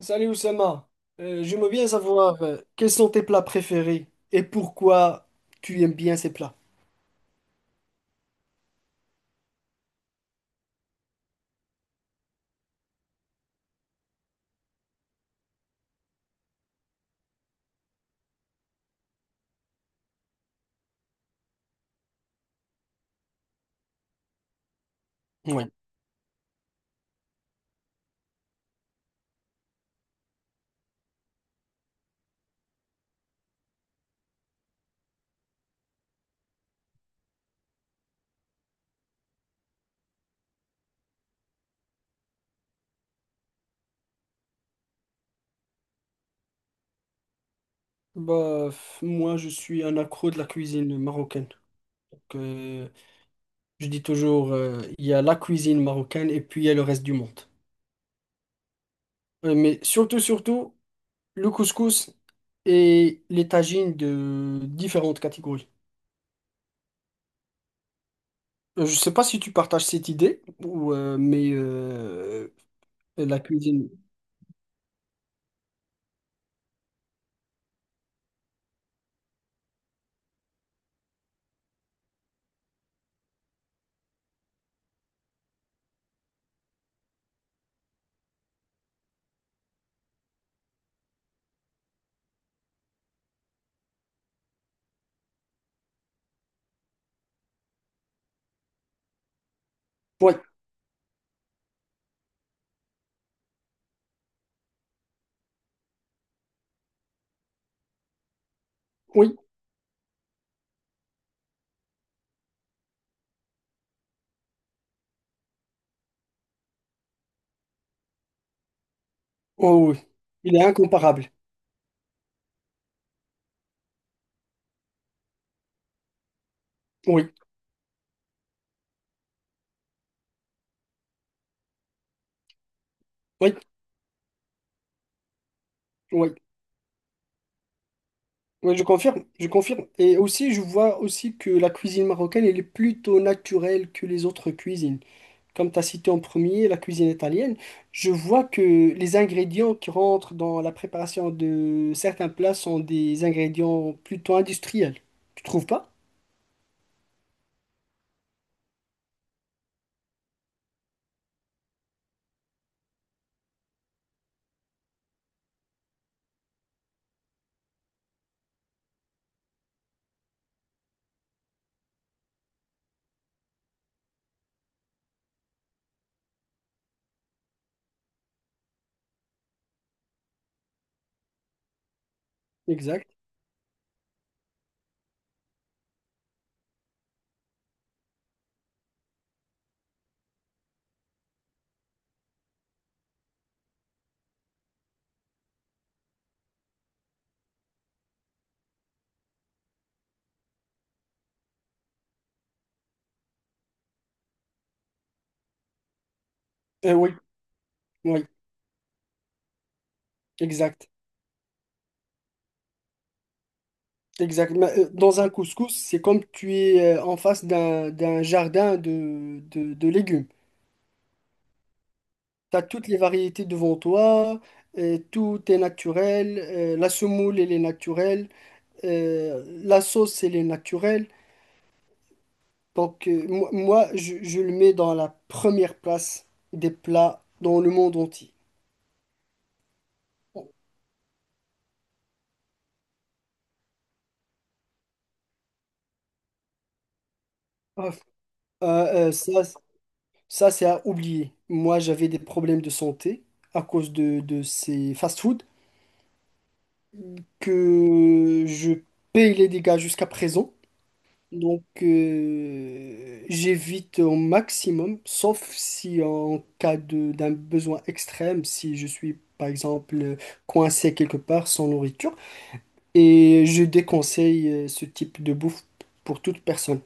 Salut Oussama. J'aimerais bien savoir quels sont tes plats préférés et pourquoi tu aimes bien ces plats. Ouais. Bah, moi je suis un accro de la cuisine marocaine. Donc, je dis toujours, il y a la cuisine marocaine et puis il y a le reste du monde. Mais surtout, le couscous et les tagines de différentes catégories. Je sais pas si tu partages cette idée, ou, mais Et la cuisine. Oui, oui, oh, oui. Il est incomparable. Oui, oui, oui. Oui, je confirme, je confirme. Et aussi, je vois aussi que la cuisine marocaine, elle est plutôt naturelle que les autres cuisines. Comme tu as cité en premier, la cuisine italienne, je vois que les ingrédients qui rentrent dans la préparation de certains plats sont des ingrédients plutôt industriels. Tu trouves pas? Exact. Oui, oui. Exact, exact. Mais, dans un couscous, c'est comme tu es en face d'un jardin de légumes. Tu as toutes les variétés devant toi, tout est naturel, la semoule, elle est naturelle, la sauce, elle est naturelle. Donc, moi, je le mets dans la première place des plats dans le monde entier. Ah, euh, euh, ça, ça c'est à oublier. Moi, j'avais des problèmes de santé à cause de ces fast-foods. Que je paye les dégâts jusqu'à présent. Donc, j'évite au maximum, sauf si en cas de d'un besoin extrême, si je suis par exemple coincé quelque part sans nourriture. Et je déconseille ce type de bouffe pour toute personne.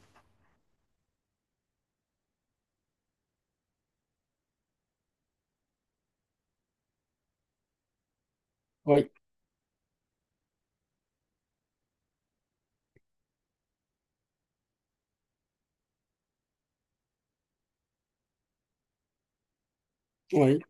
Oui, oui,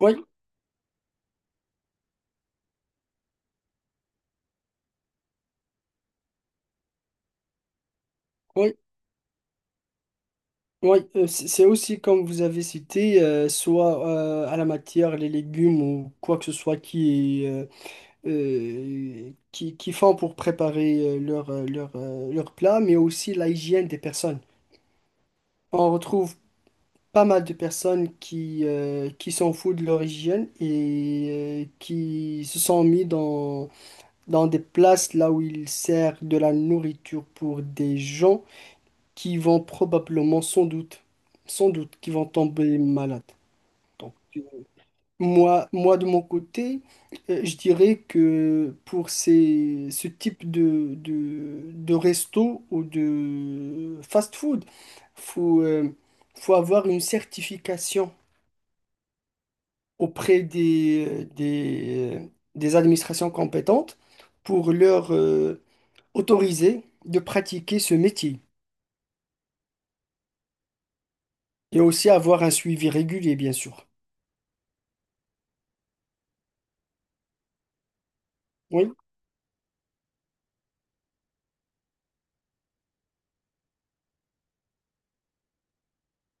oui, oui, oui. C'est aussi comme vous avez cité, soit à la matière, les légumes ou quoi que ce soit qui est qui font pour préparer leur plat, mais aussi la hygiène des personnes. On retrouve pas mal de personnes qui s'en foutent de leur hygiène et qui se sont mis dans des places là où ils servent de la nourriture pour des gens qui vont probablement, sans doute, sans doute, qui vont tomber malades. Donc, moi de mon côté, je dirais que pour ce type de resto ou de fast-food, faut, euh, faut avoir une certification auprès des administrations compétentes pour leur autoriser de pratiquer ce métier. Et aussi avoir un suivi régulier, bien sûr. Oui,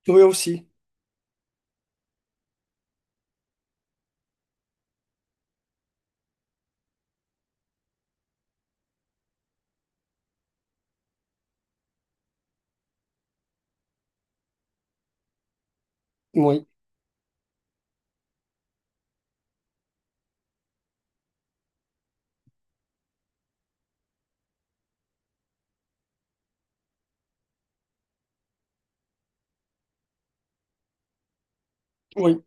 oui aussi. Oui, oui.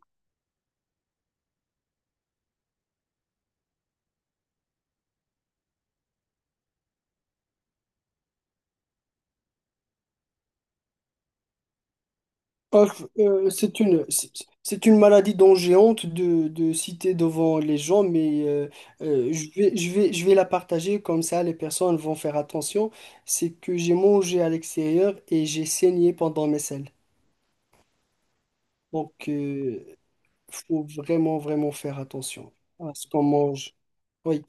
Ah, c'est une, c'est une maladie dont j'ai honte de citer devant les gens, mais je vais la partager comme ça les personnes vont faire attention. C'est que j'ai mangé à l'extérieur et j'ai saigné pendant mes selles. Donc, faut vraiment, vraiment faire attention à ce qu'on mange. Oui.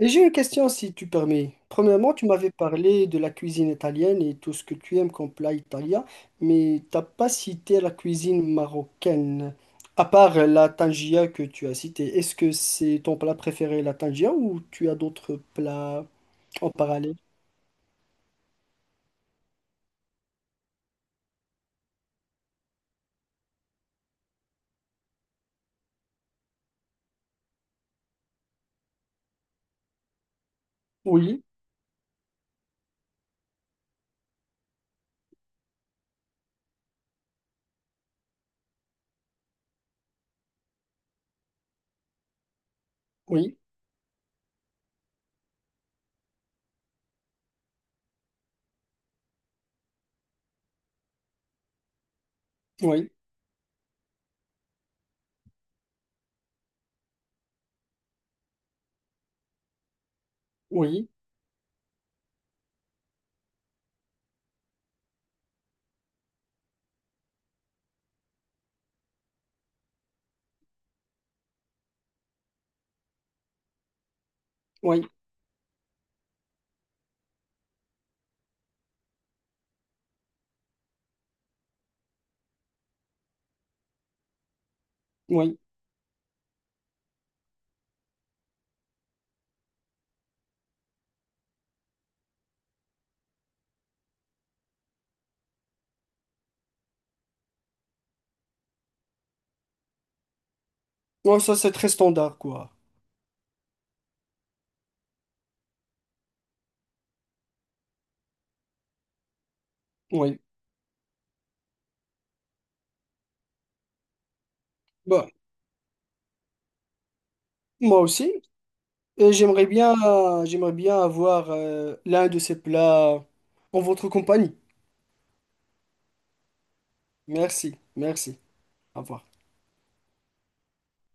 Et j'ai une question si tu permets. Premièrement, tu m'avais parlé de la cuisine italienne et tout ce que tu aimes comme plat italien, mais t'as pas cité la cuisine marocaine, à part la tangia que tu as citée. Est-ce que c'est ton plat préféré, la tangia, ou tu as d'autres plats en parallèle? Oui, oui, oui, oui, oui, oui. Non, ça c'est très standard, quoi. Oui. Bah, moi aussi. Et j'aimerais bien avoir l'un de ces plats en votre compagnie. Merci, merci. Au revoir.